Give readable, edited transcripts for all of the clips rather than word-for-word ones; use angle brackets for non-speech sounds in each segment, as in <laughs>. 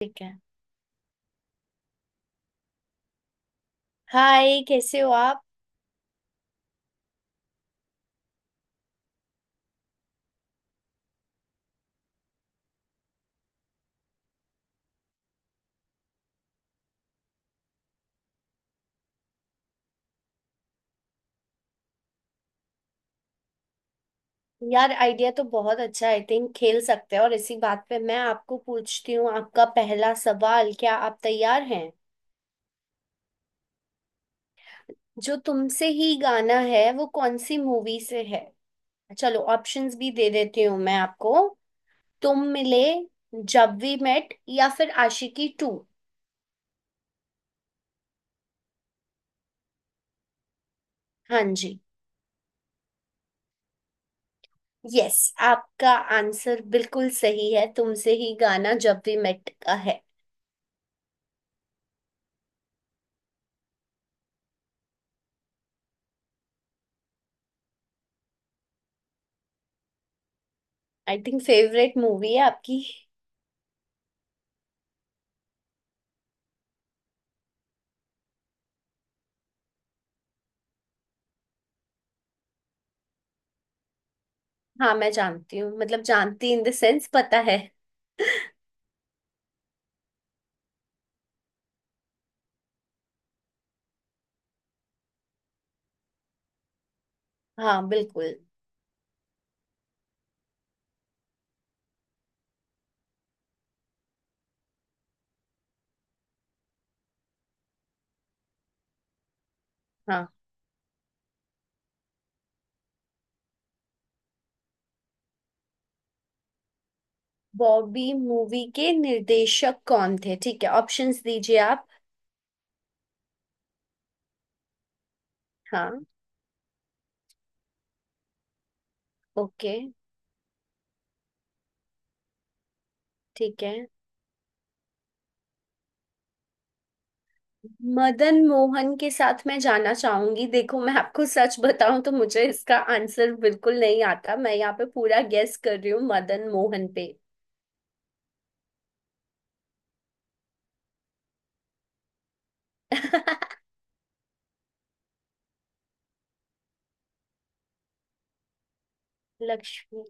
ठीक है। हाय, कैसे हो आप। यार, आइडिया तो बहुत अच्छा है। आई थिंक खेल सकते हैं। और इसी बात पे मैं आपको पूछती हूँ, आपका पहला सवाल। क्या आप तैयार हैं? जो तुमसे ही गाना है वो कौन सी मूवी से है? चलो ऑप्शंस भी दे देती हूँ मैं आपको। तुम मिले, जब वी मेट या फिर आशिकी टू। हाँ जी। यस, आपका आंसर बिल्कुल सही है। तुमसे ही गाना जब वी मेट का है। आई थिंक फेवरेट मूवी है आपकी। हाँ मैं जानती हूँ, मतलब जानती इन द सेंस, पता है। हाँ बिल्कुल। हाँ। बॉबी मूवी के निर्देशक कौन थे? ठीक है, ऑप्शंस दीजिए आप। हाँ। ओके। ठीक है। मदन मोहन के साथ मैं जाना चाहूंगी। देखो, मैं आपको सच बताऊं तो मुझे इसका आंसर बिल्कुल नहीं आता। मैं यहाँ पे पूरा गेस कर रही हूँ मदन मोहन पे। <laughs> लक्ष्मी।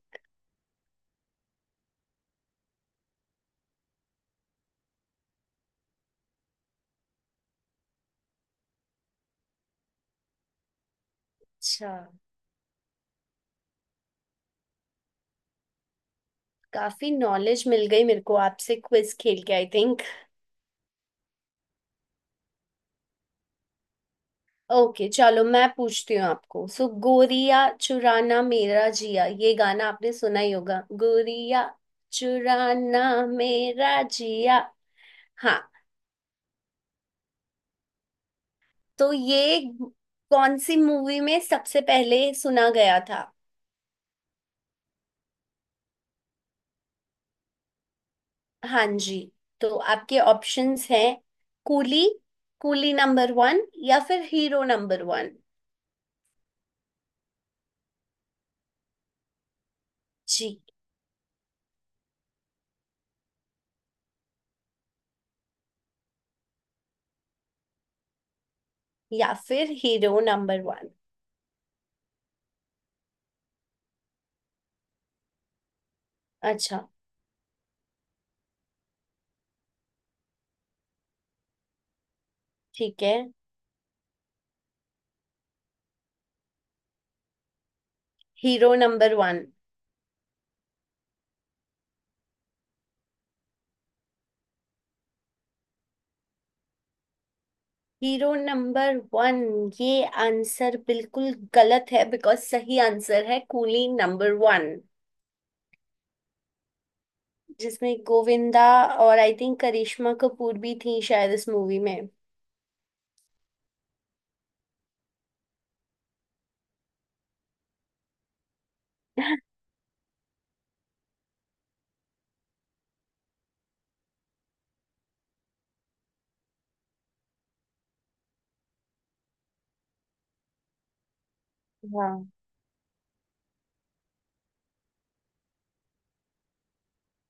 अच्छा। काफी नॉलेज मिल गई मेरे को आपसे क्विज खेल के, आई थिंक। ओके, चलो मैं पूछती हूँ आपको। सो, गोरिया चुराना मेरा जिया, ये गाना आपने सुना ही होगा। गोरिया चुराना मेरा जिया। हाँ। तो ये कौन सी मूवी में सबसे पहले सुना गया था? हाँ जी। तो आपके ऑप्शंस हैं, कूली, कूली नंबर वन या फिर हीरो नंबर वन। जी। या फिर हीरो नंबर वन। अच्छा। ठीक है। Hero number one. Hero number one, ये आंसर बिल्कुल गलत है। बिकॉज सही आंसर है कूली नंबर वन, जिसमें गोविंदा और आई थिंक करिश्मा कपूर भी थी, शायद, इस मूवी में। हाँ।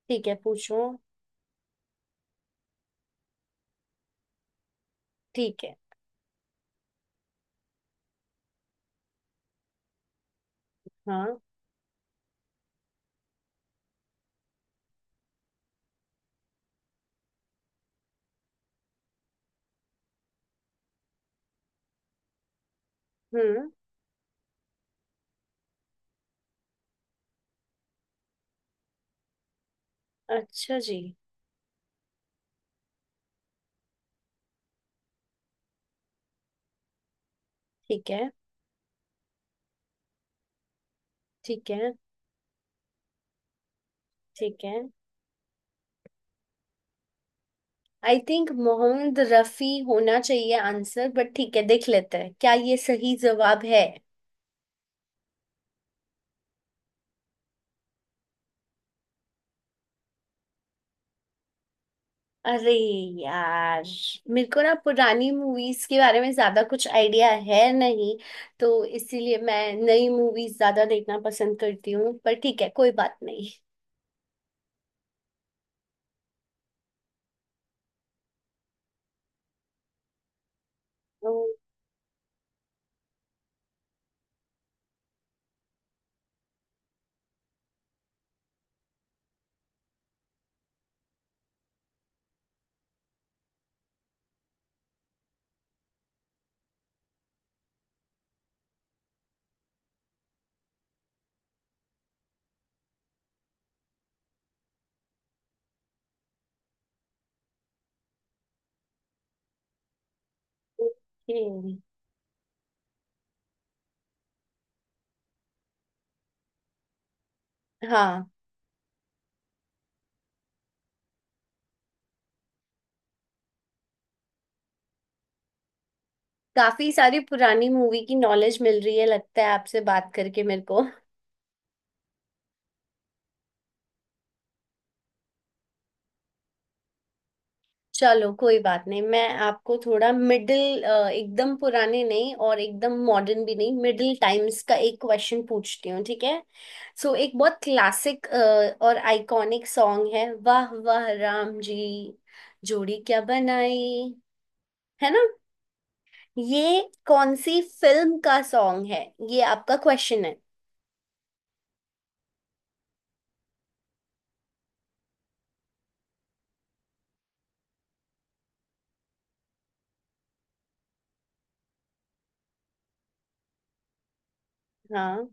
ठीक है, पूछो। ठीक है। हाँ। हम्म। अच्छा जी। ठीक है। ठीक है। ठीक है। आई थिंक मोहम्मद रफी होना चाहिए आंसर, बट ठीक है, देख लेते हैं क्या ये सही जवाब है। अरे यार, मेरे को ना पुरानी मूवीज के बारे में ज्यादा कुछ आइडिया है नहीं। तो इसीलिए मैं नई मूवीज ज्यादा देखना पसंद करती हूँ, पर ठीक है, कोई बात नहीं। ओके। हाँ। काफी सारी पुरानी मूवी की नॉलेज मिल रही है, लगता है, आपसे बात करके मेरे को। चलो कोई बात नहीं, मैं आपको थोड़ा मिडिल, एकदम पुराने नहीं और एकदम मॉडर्न भी नहीं, मिडिल टाइम्स का एक क्वेश्चन पूछती हूँ, ठीक है। सो, एक बहुत क्लासिक और आइकॉनिक सॉन्ग है, वाह वाह राम जी जोड़ी क्या बनाई, है ना। ये कौन सी फिल्म का सॉन्ग है, ये आपका क्वेश्चन है। हाँ।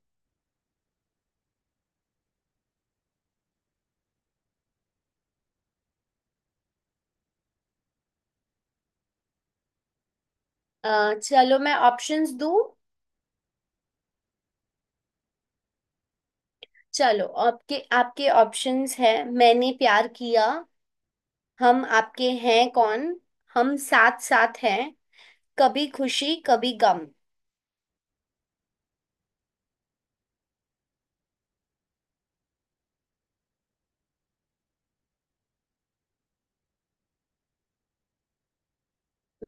चलो मैं ऑप्शंस दूँ। चलो, आपके आपके ऑप्शंस है, मैंने प्यार किया, हम आपके हैं कौन, हम साथ साथ हैं, कभी खुशी कभी गम।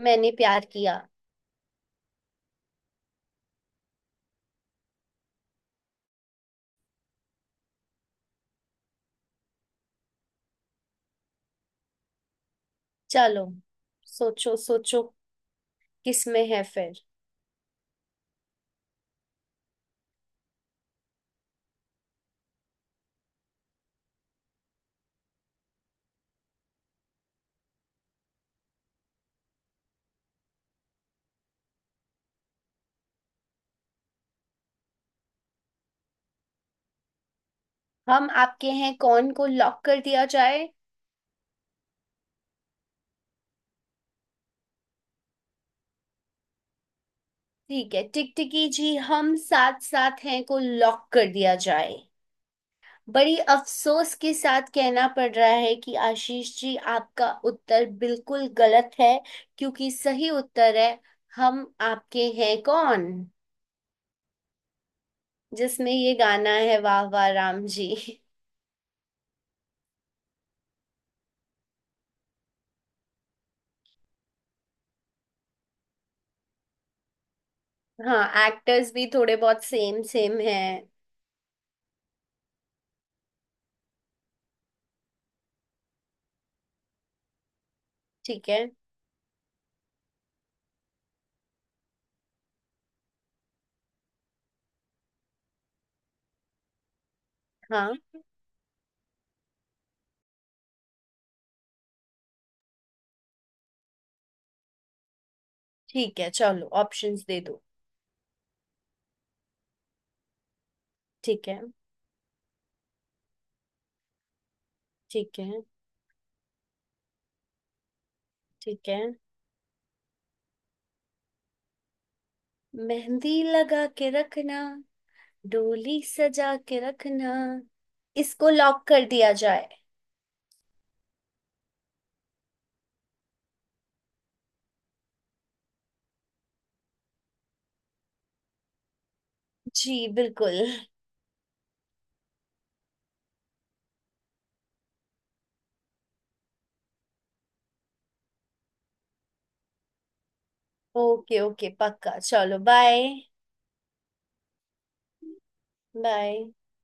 मैंने प्यार किया। चलो सोचो सोचो, किस में है फिर? हम आपके हैं कौन को लॉक कर दिया जाए? ठीक है टिकटिकी जी, हम साथ साथ हैं को लॉक कर दिया जाए। बड़ी अफसोस के साथ कहना पड़ रहा है कि आशीष जी, आपका उत्तर बिल्कुल गलत है। क्योंकि सही उत्तर है हम आपके हैं कौन, जिसमें ये गाना है वाह वाह राम जी। हाँ, एक्टर्स भी थोड़े बहुत सेम सेम हैं। ठीक है। हाँ। ठीक है, चलो ऑप्शंस दे दो। ठीक है। ठीक है। ठीक है। मेहंदी लगा के रखना, डोली सजा के रखना। इसको लॉक कर दिया जाए। जी बिल्कुल। ओके ओके, पक्का। चलो बाय। बाय।